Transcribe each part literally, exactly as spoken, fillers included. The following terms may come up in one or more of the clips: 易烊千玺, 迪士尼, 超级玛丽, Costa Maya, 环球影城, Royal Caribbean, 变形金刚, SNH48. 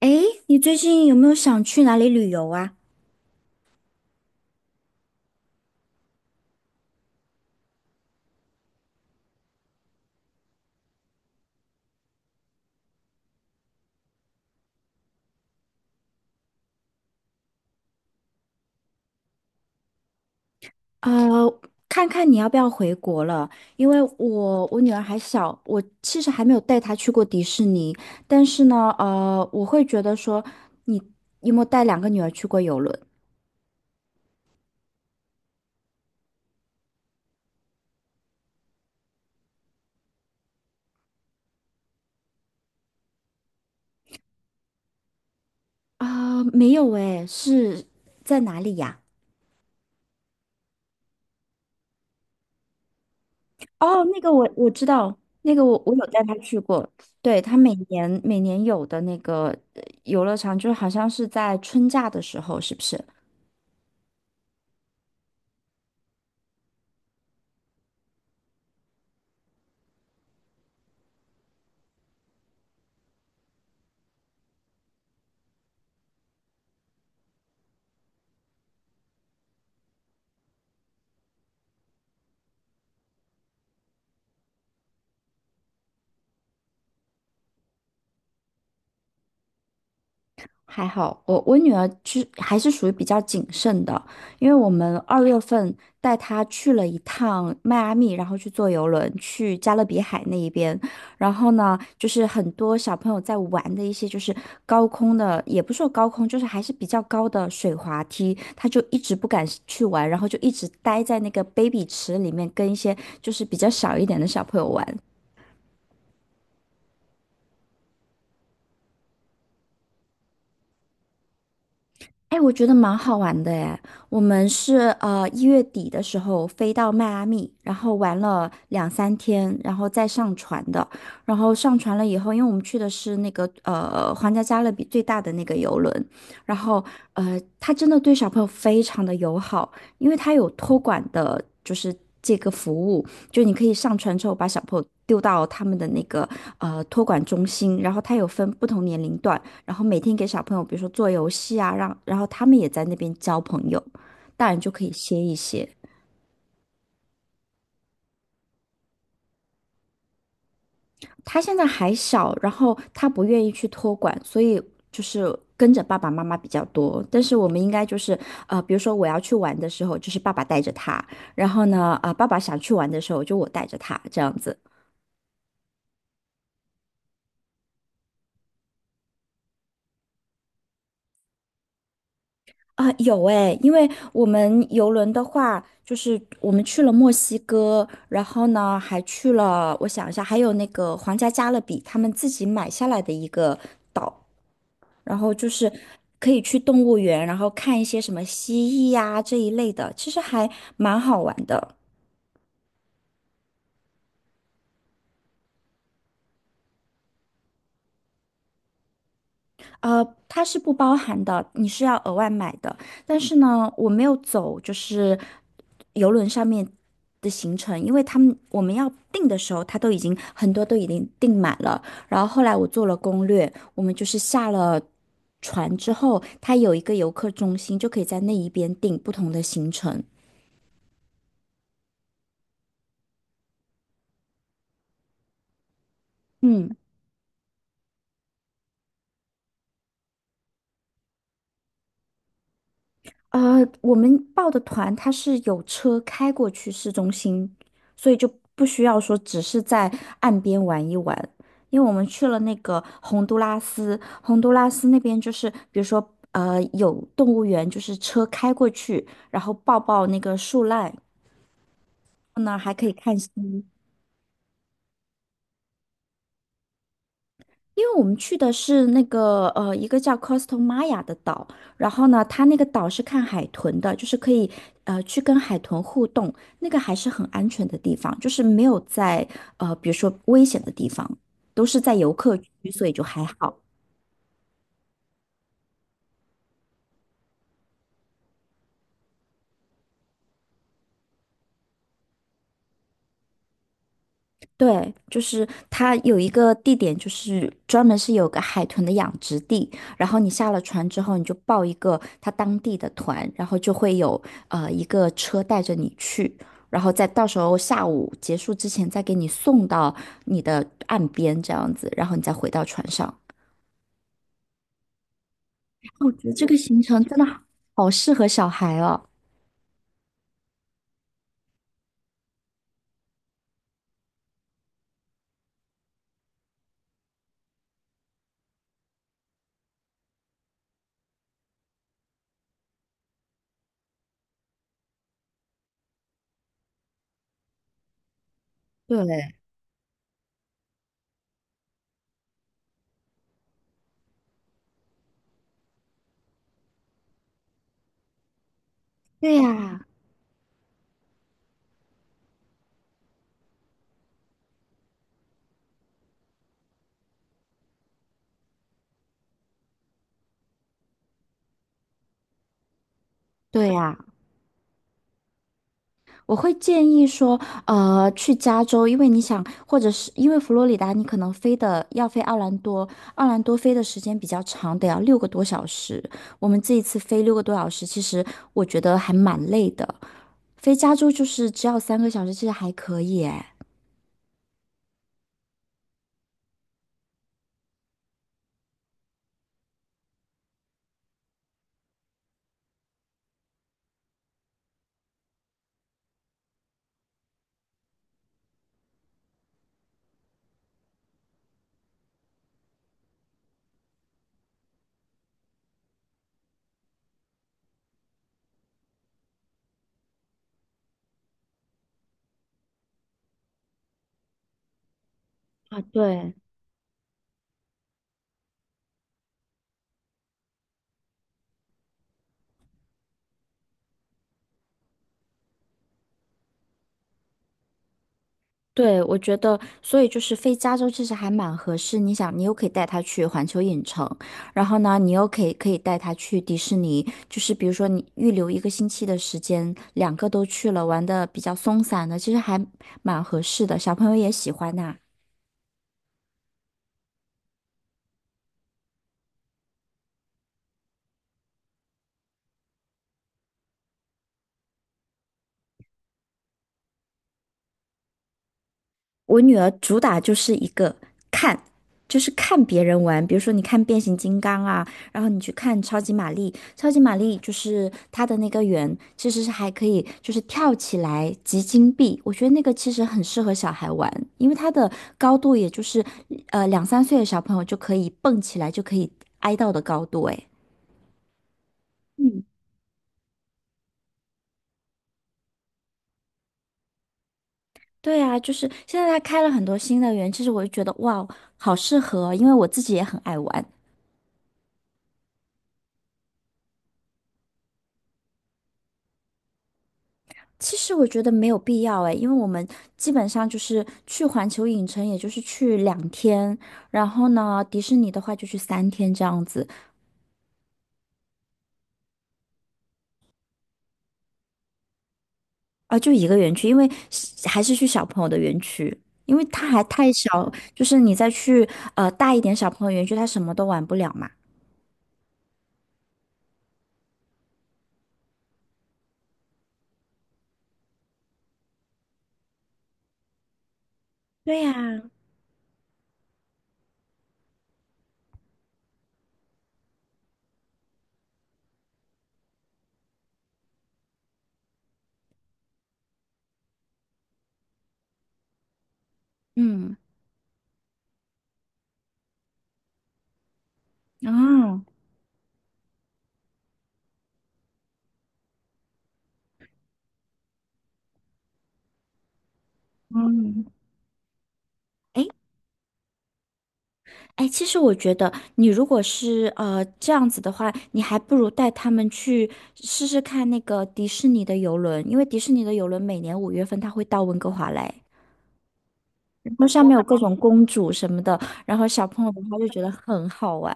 诶，你最近有没有想去哪里旅游啊？呃，看看你要不要回国了，因为我我女儿还小，我其实还没有带她去过迪士尼，但是呢，呃，我会觉得说，你有没有带两个女儿去过游轮？啊、没有诶，是在哪里呀？哦，那个我我知道，那个我我有带她去过，对，她每年每年有的那个呃游乐场，就好像是在春假的时候，是不是？还好，我我女儿是还是属于比较谨慎的，因为我们二月份带她去了一趟迈阿密，然后去坐游轮去加勒比海那一边，然后呢，就是很多小朋友在玩的一些就是高空的，也不是说高空，就是还是比较高的水滑梯，她就一直不敢去玩，然后就一直待在那个 baby 池里面跟一些就是比较小一点的小朋友玩，哎，我觉得蛮好玩的哎。我们是呃一月底的时候飞到迈阿密，然后玩了两三天，然后再上船的。然后上船了以后，因为我们去的是那个呃皇家加勒比最大的那个游轮，然后呃他真的对小朋友非常的友好，因为他有托管的，就是这个服务，就你可以上船之后把小朋友丢到他们的那个呃托管中心，然后他有分不同年龄段。然后每天给小朋友，比如说做游戏啊，让然后他们也在那边交朋友，大人就可以歇一歇。他现在还小，然后他不愿意去托管，所以就是跟着爸爸妈妈比较多。但是我们应该就是呃，比如说我要去玩的时候，就是爸爸带着他，然后呢，啊、呃爸爸想去玩的时候，就我带着他这样子。啊，有诶，因为我们游轮的话，就是我们去了墨西哥，然后呢，还去了，我想一下，还有那个皇家加勒比，他们自己买下来的一个岛，然后就是可以去动物园，然后看一些什么蜥蜴呀、这一类的，其实还蛮好玩的。呃，它是不包含的，你是要额外买的。但是呢，我没有走，就是游轮上面的行程，因为他们我们要订的时候，他都已经很多都已经订满了。然后后来我做了攻略，我们就是下了船之后，他有一个游客中心，就可以在那一边订不同的行程。嗯。呃，我们报的团它是有车开过去市中心，所以就不需要说只是在岸边玩一玩，因为我们去了那个洪都拉斯，洪都拉斯那边就是比如说呃有动物园，就是车开过去，然后抱抱那个树懒，然后呢还可以看星因为我们去的是那个呃一个叫 Costa Maya 的岛，然后呢，它那个岛是看海豚的，就是可以呃去跟海豚互动，那个还是很安全的地方，就是没有在呃比如说危险的地方，都是在游客区，所以就还好。对，就是它有一个地点，就是专门是有个海豚的养殖地，然后你下了船之后，你就报一个它当地的团，然后就会有呃一个车带着你去，然后再到时候下午结束之前再给你送到你的岸边这样子，然后你再回到船上。哦我觉得这个行程真的好好适合小孩哦。对，对呀，对呀。我会建议说，呃，去加州，因为你想，或者是因为佛罗里达，你可能飞的要飞奥兰多，奥兰多飞的时间比较长，得要六个多小时。我们这一次飞六个多小时，其实我觉得还蛮累的。飞加州就是只要三个小时，其实还可以诶。啊，对，对，我觉得，所以就是飞加州其实还蛮合适。你想，你又可以带他去环球影城，然后呢，你又可以可以带他去迪士尼。就是比如说，你预留一个星期的时间，两个都去了，玩的比较松散的，其实还蛮合适的。小朋友也喜欢呐、我女儿主打就是一个看，就是看别人玩，比如说你看变形金刚啊，然后你去看超级玛丽，超级玛丽就是它的那个圆其实是还可以，就是跳起来集金币，我觉得那个其实很适合小孩玩，因为它的高度也就是呃两三岁的小朋友就可以蹦起来，就可以挨到的高度，诶。嗯，对啊，就是现在他开了很多新的园，其实我就觉得哇，好适合哦，因为我自己也很爱玩。其实我觉得没有必要诶，因为我们基本上就是去环球影城，也就是去两天，然后呢，迪士尼的话就去三天这样子，啊，就一个园区，因为是还是去小朋友的园区，因为他还太小，就是你再去呃大一点小朋友园区，他什么都玩不了嘛。对呀，嗯，哦，嗯，哎，哎，其实我觉得，你如果是呃这样子的话，你还不如带他们去试试看那个迪士尼的游轮，因为迪士尼的游轮每年五月份它会到温哥华来，然后上面有各种公主什么的，然后小朋友的话就觉得很好玩。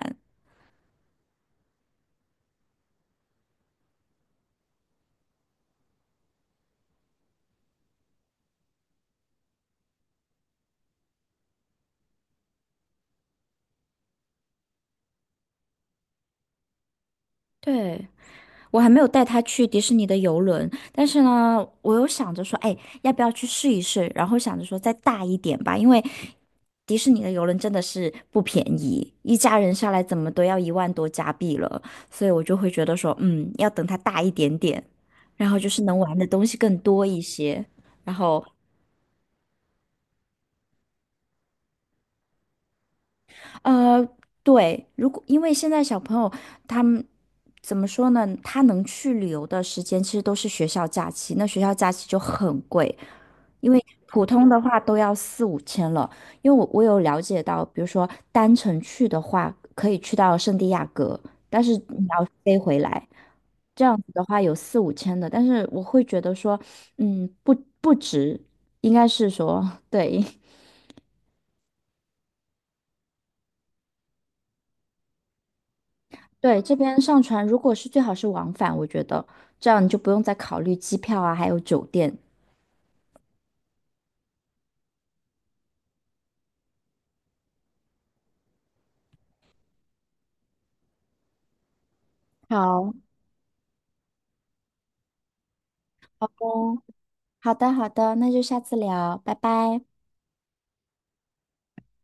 对，我还没有带他去迪士尼的游轮，但是呢，我又想着说，哎，要不要去试一试？然后想着说再大一点吧，因为迪士尼的游轮真的是不便宜，一家人下来怎么都要一万多加币了，所以我就会觉得说，嗯，要等它大一点点，然后就是能玩的东西更多一些，然后呃，对，如果因为现在小朋友他们怎么说呢？他能去旅游的时间其实都是学校假期，那学校假期就很贵，因为普通的话都要四五千了。因为我我有了解到，比如说单程去的话，可以去到圣地亚哥，但是你要飞回来，这样子的话有四五千的，但是我会觉得说，嗯，不不值，应该是说对。对，这边上船如果是最好是往返，我觉得这样你就不用再考虑机票啊，还有酒店。好哦，好的，好的，那就下次聊，拜拜。